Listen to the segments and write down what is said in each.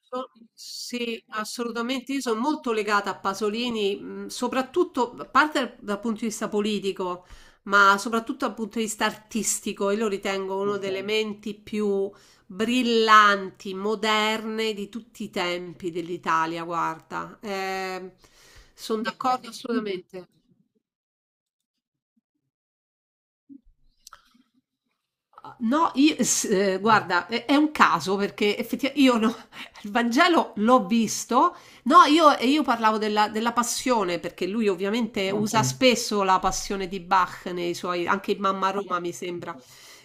So- Sì, assolutamente. Io sono molto legata a Pasolini, soprattutto a parte dal punto di vista politico, ma soprattutto dal punto di vista artistico. Io lo ritengo uno delle Ok. menti più brillanti, moderne di tutti i tempi dell'Italia. Guarda, sono d'accordo assolutamente. No, io, guarda, è un caso perché effettivamente io no- il Vangelo l'ho visto, no, io, e io parlavo della passione perché lui ovviamente usa Ok. spesso la passione di Bach nei suoi, anche in Mamma Roma mi sembra.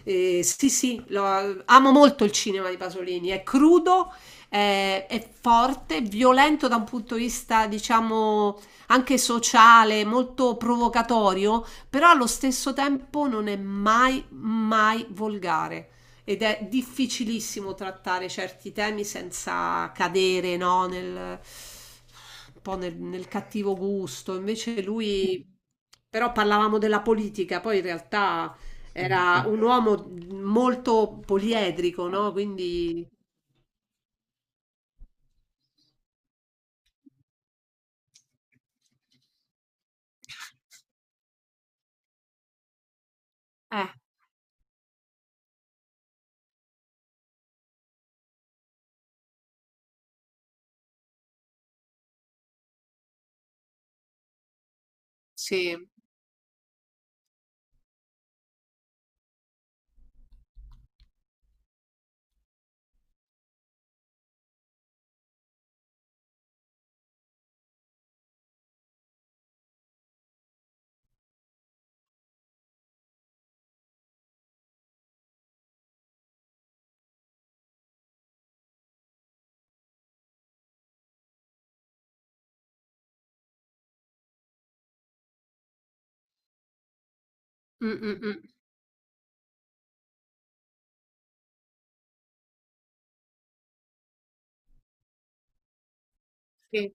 Sì, sì, amo molto il cinema di Pasolini, è crudo, è forte, violento da un punto di vista, diciamo, anche sociale, molto provocatorio, però allo stesso tempo non è mai, mai volgare ed è difficilissimo trattare certi temi senza cadere, no, un po' nel cattivo gusto. Invece lui, però parlavamo della politica, poi in realtà era un uomo molto poliedrico, no? Quindi, eh, sì. Mm, mm, mm. Sì.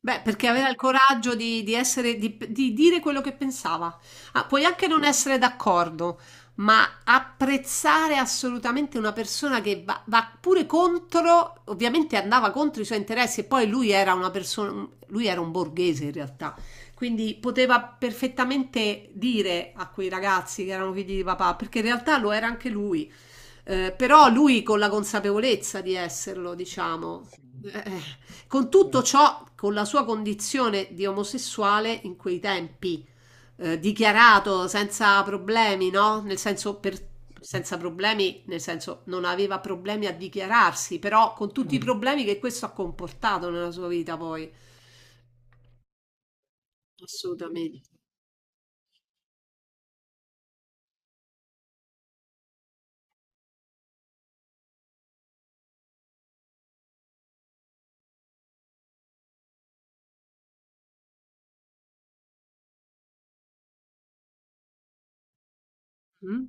Beh, perché aveva il coraggio di essere, di dire quello che pensava. Ah, puoi anche non essere d'accordo, ma apprezzare assolutamente una persona che va, va pure contro, ovviamente andava contro i suoi interessi e poi lui era una persona, lui era un borghese in realtà, quindi poteva perfettamente dire a quei ragazzi che erano figli di papà, perché in realtà lo era anche lui. Però lui con la consapevolezza di esserlo, diciamo. Eh, con tutto ciò, con la sua condizione di omosessuale in quei tempi, dichiarato senza problemi, no? Senza problemi, nel senso non aveva problemi a dichiararsi, però con tutti i Mm. problemi che questo ha comportato nella sua vita poi. Assolutamente. Mm?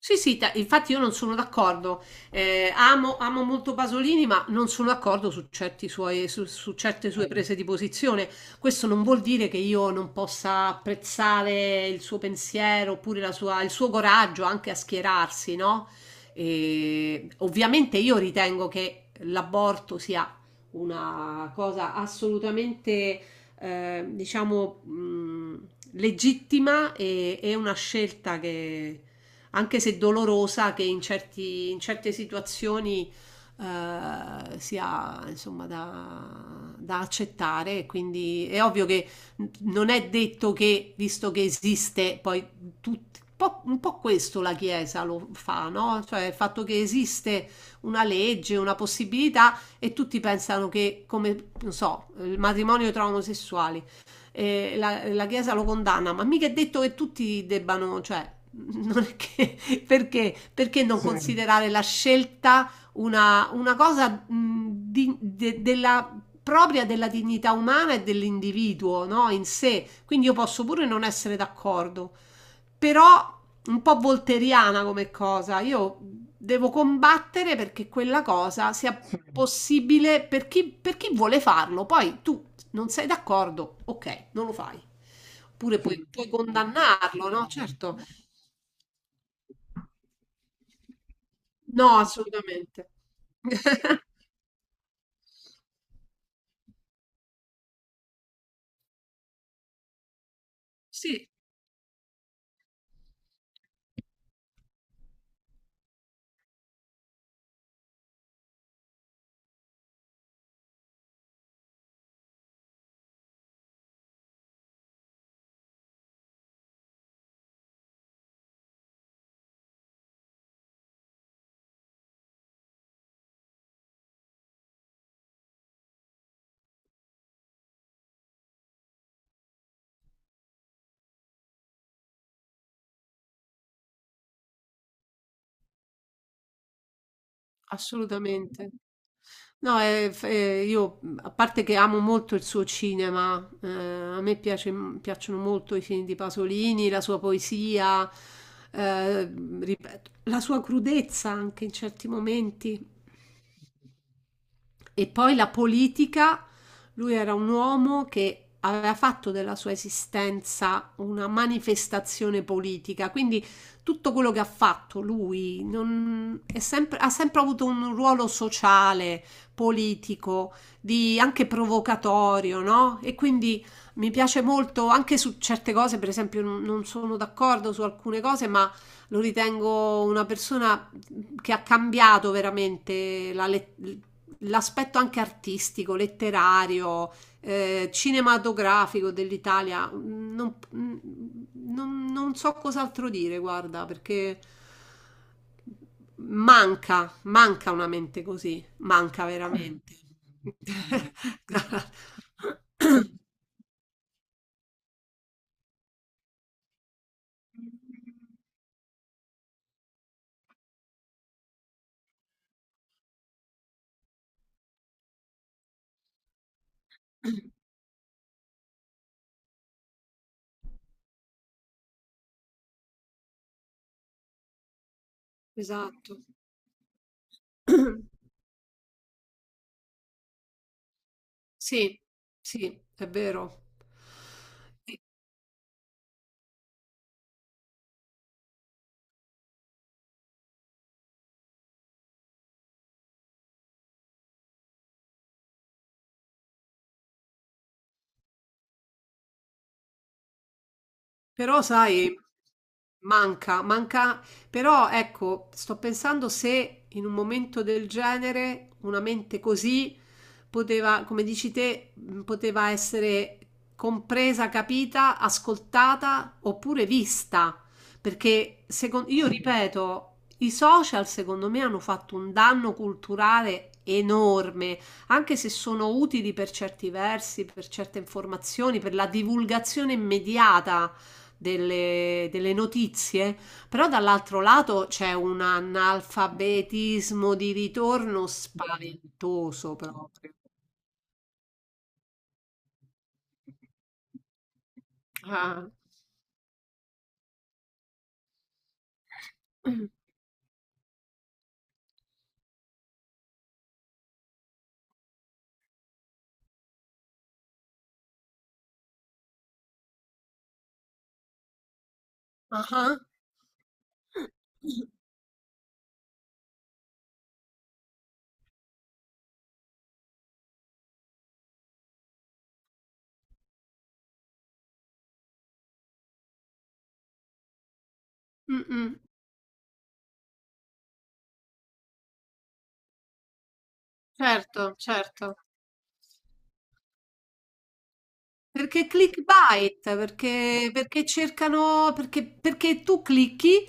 Sì, sì, infatti io non sono d'accordo. Amo, amo molto Pasolini, ma non sono d'accordo su su certe sue prese di posizione. Questo non vuol dire che io non possa apprezzare il suo pensiero oppure il suo coraggio anche a schierarsi, no? E ovviamente io ritengo che l'aborto sia una cosa assolutamente, diciamo, legittima e una scelta che, anche se dolorosa, che in in certe situazioni sia insomma da, da accettare. Quindi è ovvio che non è detto che, visto che esiste, poi tutti. Un po' questo la Chiesa lo fa, no? Cioè il fatto che esiste una legge, una possibilità e tutti pensano che, come, non so, il matrimonio tra omosessuali, la Chiesa lo condanna, ma mica è detto che tutti debbano, cioè, non è che, perché non Sì. considerare la scelta una cosa propria della dignità umana e dell'individuo, no? In sé. Quindi io posso pure non essere d'accordo, però un po' volteriana come cosa. Io devo combattere perché quella cosa sia Sì. possibile per chi vuole farlo. Poi tu non sei d'accordo? Okay, non lo fai. Oppure puoi condannarlo, no, certo. No, assolutamente. Sì, assolutamente. No, f io, mhmm, a parte che amo molto il suo cinema, a me piace mhmm, piacciono molto i film di Pasolini, la sua poesia, ripeto, la sua crudezza anche in certi momenti. E poi la politica, lui era un uomo che aveva fatto della sua esistenza una manifestazione politica, quindi tutto quello che ha fatto lui ha sempre avuto un ruolo sociale, politico, anche provocatorio, no? E quindi mi piace molto anche su certe cose, per esempio non sono d'accordo su alcune cose, ma lo ritengo una persona che ha cambiato veramente l'aspetto anche artistico, letterario, cinematografico dell'Italia, non, non so cos'altro dire, guarda, perché manca, manca una mente così, manca veramente. Esatto. Sì, sì, è vero. Però sai, manca, manca, però ecco, sto pensando se in un momento del genere una mente così poteva, come dici te, poteva essere compresa, capita, ascoltata oppure vista, perché io ripeto, i social secondo me hanno fatto un danno culturale enorme, anche se sono utili per certi versi, per certe informazioni, per la divulgazione immediata delle notizie, però dall'altro lato c'è un analfabetismo di ritorno spaventoso proprio. Ah, ah. Ah. Mm, mm, certo, certo. Perché clickbait, perché cercano perché tu clicchi,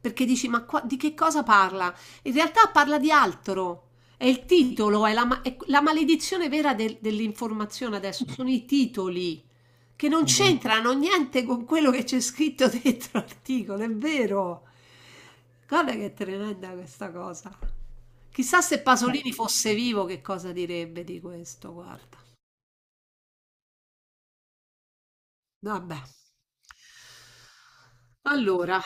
perché dici: "Ma qua di che cosa parla?" In realtà parla di altro. È il titolo, è la ma è q la maledizione vera del dell'informazione adesso sono i titoli, che non Mh-mh. C'entrano niente con quello che c'è scritto dentro l'articolo, è vero. Guarda che tremenda questa cosa. Chissà se. Pasolini fosse vivo che cosa direbbe di questo, guarda. Vabbè. Allora,